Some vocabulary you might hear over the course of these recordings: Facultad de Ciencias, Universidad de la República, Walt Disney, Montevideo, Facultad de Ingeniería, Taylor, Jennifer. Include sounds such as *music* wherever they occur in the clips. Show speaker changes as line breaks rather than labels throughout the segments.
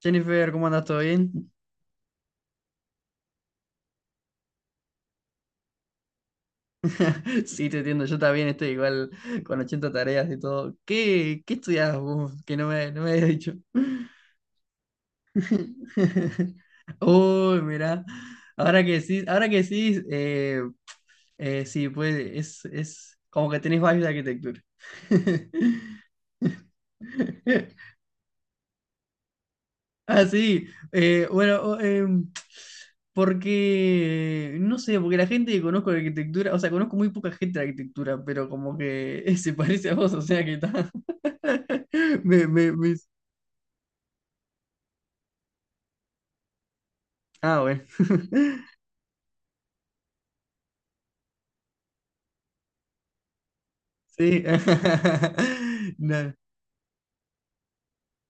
Jennifer, ¿cómo andas? ¿Todo bien? *laughs* Sí, te entiendo, yo también estoy igual con 80 tareas y todo. ¿Qué estudias vos? Que no me habías dicho. *laughs* Uy, mirá, ahora que sí, sí, pues es como que tenés varios de arquitectura. *laughs* Ah, sí. Eh, bueno, o- em, Porque, no sé, porque la gente que conozco de arquitectura, o sea, conozco muy poca gente de arquitectura, pero como que *laughs* se parece a vos, o sea que está. *laughs* Me, me, me- Ah, bueno. *laughs* Sí. *laughs* No.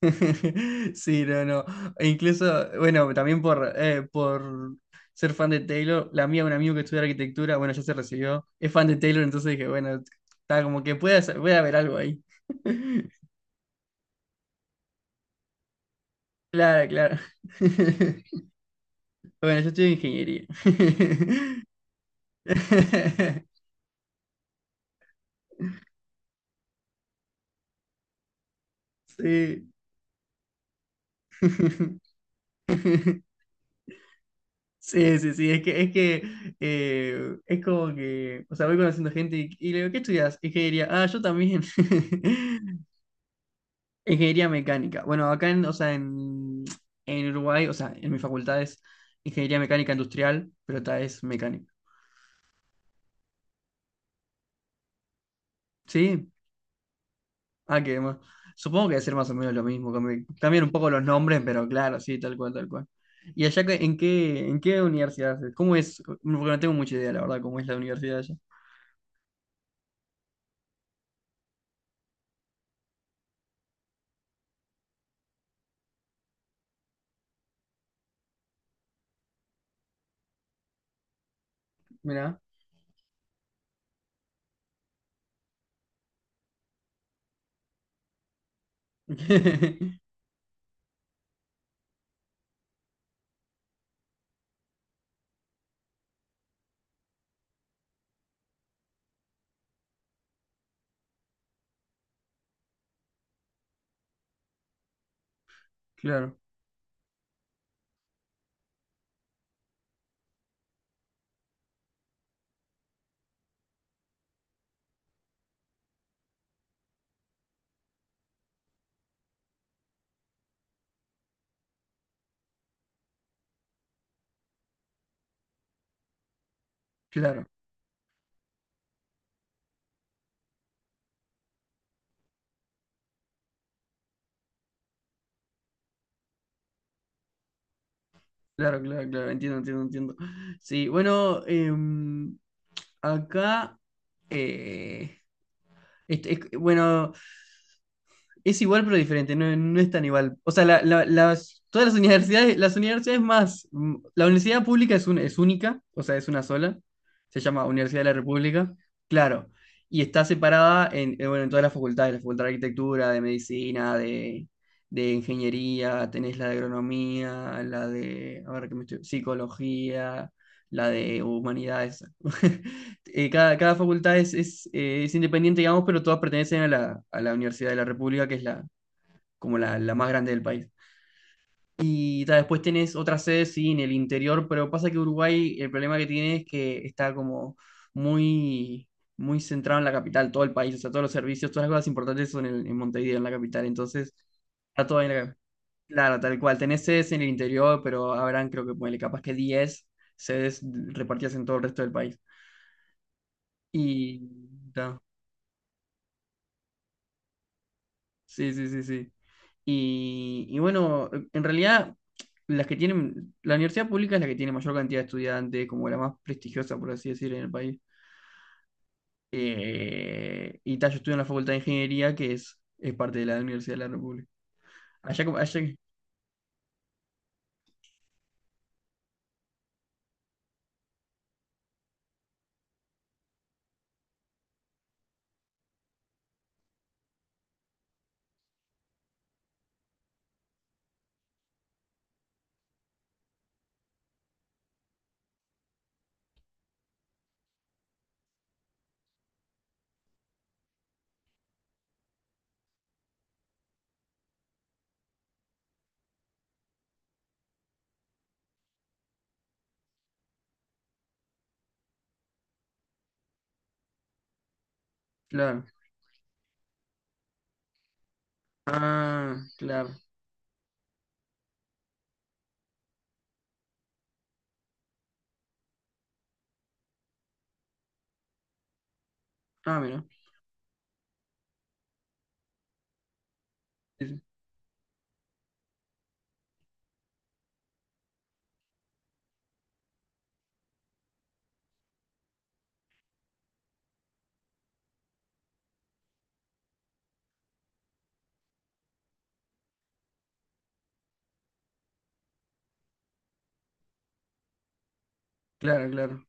*laughs* Sí, no, no. E incluso, bueno, también por ser fan de Taylor, la mía, un amigo que estudia arquitectura, bueno, ya se recibió, es fan de Taylor, entonces dije, bueno, está como que puede, puede haber algo ahí. *laughs* Claro, claro. *laughs* Bueno, yo estudio ingeniería. *laughs* Sí. *laughs* *laughs* Sí, sí, sí, es que es como que, o sea, voy conociendo gente y le digo, ¿qué estudias? Ingeniería. Ah, yo también. *laughs* Ingeniería mecánica. Bueno, acá en Uruguay, o sea, en mi facultad es ingeniería mecánica industrial, pero esta es mecánica. ¿Sí? Ah, ¿qué más? Supongo que debe ser más o menos lo mismo. Cambian un poco los nombres, pero claro, sí, tal cual, tal cual. ¿Y allá en qué universidad es? ¿Cómo es? Porque no tengo mucha idea, la verdad, cómo es la universidad allá. Mirá. *laughs* Claro, claro, claro, claro, claro. Entiendo, entiendo, entiendo. Sí, bueno, acá, eh, bueno, es igual pero diferente, no, no es tan igual. O sea, la- la- las, todas las universidades más, mm, la universidad pública es única, o sea, es una sola, se llama Universidad de la República, claro, y está separada en, bueno, en todas las facultades, la facultad de arquitectura, de medicina, de ingeniería, tenés la de agronomía, la de, a ver, ¿qué me estoy- psicología, la de humanidades. *laughs* Cada facultad es independiente, digamos, pero todas pertenecen a la Universidad de la República, que es la más grande del país. Y ta, después tenés otras sedes, sí, en el interior, pero pasa que Uruguay, el problema que tiene es que está como muy, muy centrado en la capital, todo el país, o sea, todos los servicios, todas las cosas importantes son en Montevideo, en la capital, entonces está todo en la capital. Claro, tal cual, tenés sedes en el interior, pero habrán, creo que, ponele, capaz que 10 sedes repartidas en todo el resto del país. Y, sí, sí, sí, sí. Y bueno, en realidad, las que tienen, la universidad pública es la que tiene mayor cantidad de estudiantes, como la más prestigiosa, por así decir, en el país. Y tal, yo estudio en la Facultad de Ingeniería, que es parte de la Universidad de la República. Allá, como- allá, claro. Ah, claro. Ah, mira. Sí, sí. Claro, claro.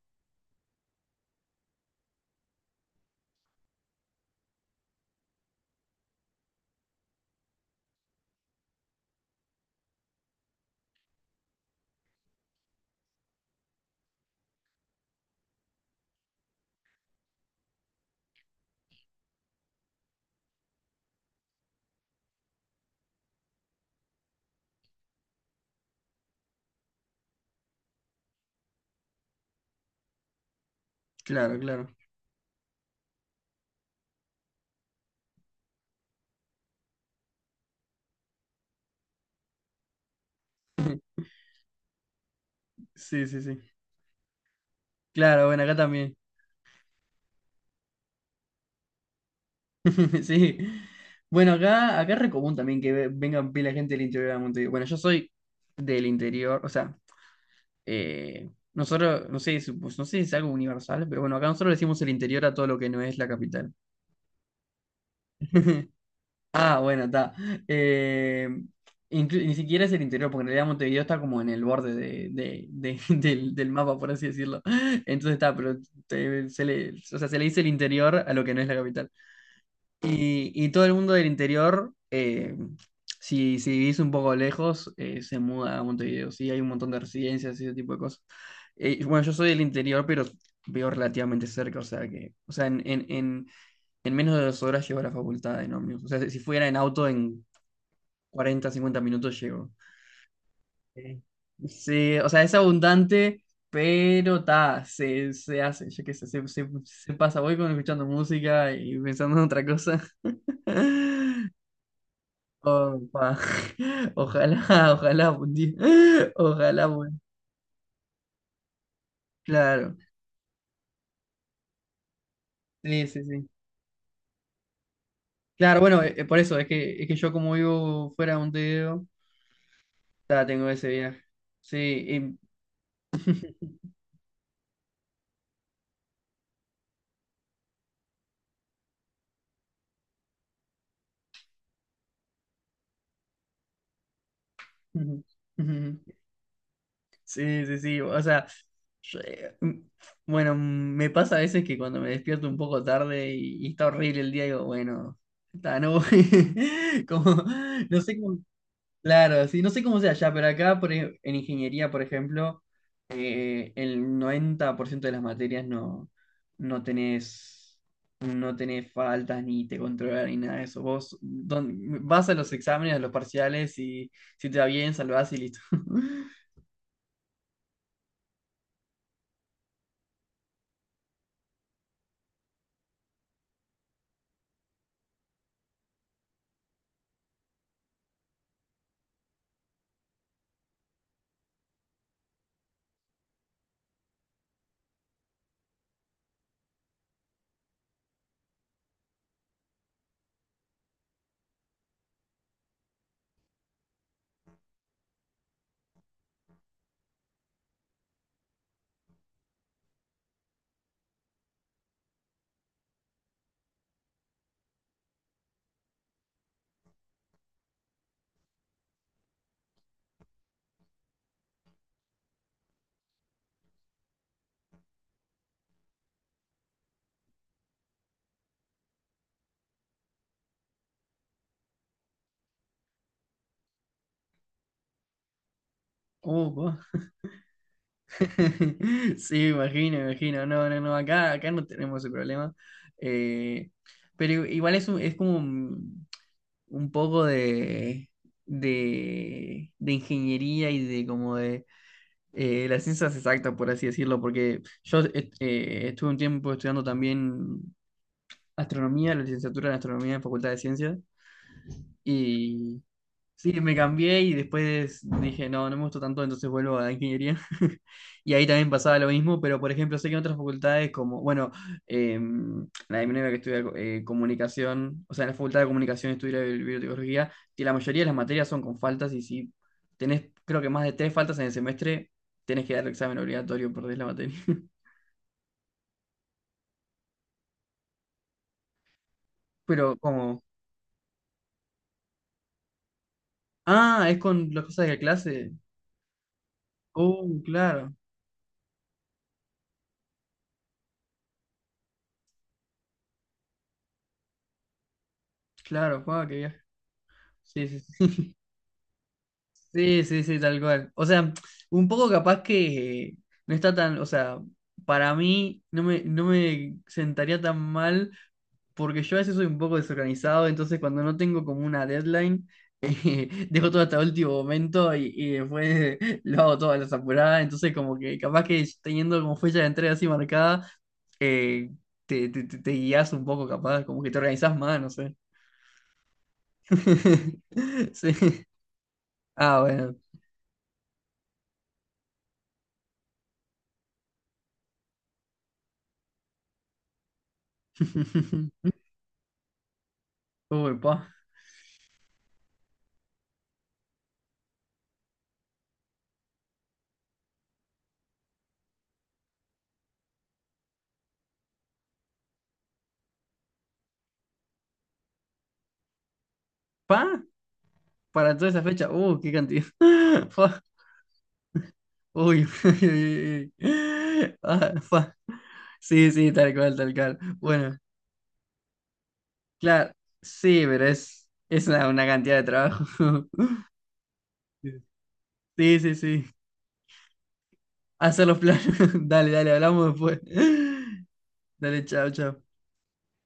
Claro, claro. Sí, sí, sí. Claro, bueno, acá también. *laughs* Sí. Bueno, acá, acá es re común también que vengan pila de gente del interior de Montevideo. Bueno, yo soy del interior, o sea, nosotros, no sé, pues, no sé si es algo universal, pero bueno, acá nosotros le decimos el interior a todo lo que no es la capital. *laughs* Ah, bueno, está. Eh, Ni siquiera es el interior, porque en realidad Montevideo está como en el borde *laughs* del, del mapa, por así decirlo. Entonces está, pero se le, o sea, se le dice el interior a lo que no es la capital. Y todo el mundo del interior, si, si vivís un poco lejos, se muda a Montevideo. Sí, hay un montón de residencias y ese tipo de cosas. Bueno, yo soy del interior, pero vivo relativamente cerca, o sea que en menos de 2 horas llego a la facultad en ómnibus. O sea, si si fuera en auto, en 40 50 minutos llego. Eh, Sí, o sea, es abundante, pero ta, se hace, yo qué sé, se pasa. Voy con escuchando música y pensando en otra cosa. *laughs* Opa. *laughs* Ojalá, ojalá un día. *laughs* Ojalá, bueno. Claro. Sí, sí, sí. Claro, bueno, por eso es que yo como vivo fuera de Montevideo, ya tengo ese viaje. Sí, y- *laughs* Ujú, ujú. Sí, sí, sí. O sea, yo, bueno, me pasa a veces que cuando me despierto un poco tarde y está horrible el día, digo, bueno, está, no voy. *laughs* Como, no sé cómo, claro, sí, no sé cómo sea allá, pero acá por, en ingeniería, por ejemplo, el 90% de las materias no, no tenés, no tenés faltas ni te controlan ni nada de eso. Vas a los exámenes, a los parciales y si te va bien, salvás y listo. *laughs* Vos. *laughs* Sí, me imagino, me imagino. No, no, no, acá, acá no tenemos ese problema. Eh, pero igual es como un poco de ingeniería y de como de la ciencia exacta, por así decirlo, porque yo estuve un tiempo estudiando también astronomía, la licenciatura en astronomía en Facultad de Ciencias, y sí, me cambié y después dije, no, no me gustó tanto, entonces vuelvo a la ingeniería. *laughs* Y ahí también pasaba lo mismo, pero por ejemplo, sé que en otras facultades como, bueno, la de mi novia que estudia comunicación, o sea, en la facultad de comunicación estudia biotecnología, y la mayoría de las materias son con faltas y si tenés, creo que más de 3 faltas en el semestre, tenés que dar el examen obligatorio, perdés la materia. *laughs* Pero como, ah, es con las cosas de la clase. Oh, claro, claro, Juan, qué viaje. Sí, sí, sí. *laughs* Sí, sí, sí, tal cual. O sea, un poco capaz que no está tan, o sea, para mí no me, no me sentaría tan mal porque yo a veces soy un poco desorganizado, entonces cuando no tengo como una deadline, *laughs* dejo todo hasta el último momento y después *laughs* lo hago todo a las apuradas, entonces como que capaz que teniendo como fecha de entrega así marcada, eh, te guías un poco capaz, como que te organizás más, no sé. *laughs* Sí. Ah, bueno. *laughs* Uy, pa. Pa, para toda esa fecha, qué cantidad. *laughs* Fa, uy, *laughs* uy, uy, uy. Ah, fa. Sí, sí, tal cual, tal cual. Bueno, claro, sí, pero es una cantidad de trabajo. *laughs* Sí, sí, sí. Hacer los planos. *laughs* Dale, dale, hablamos después. *laughs* Dale, chao, chao.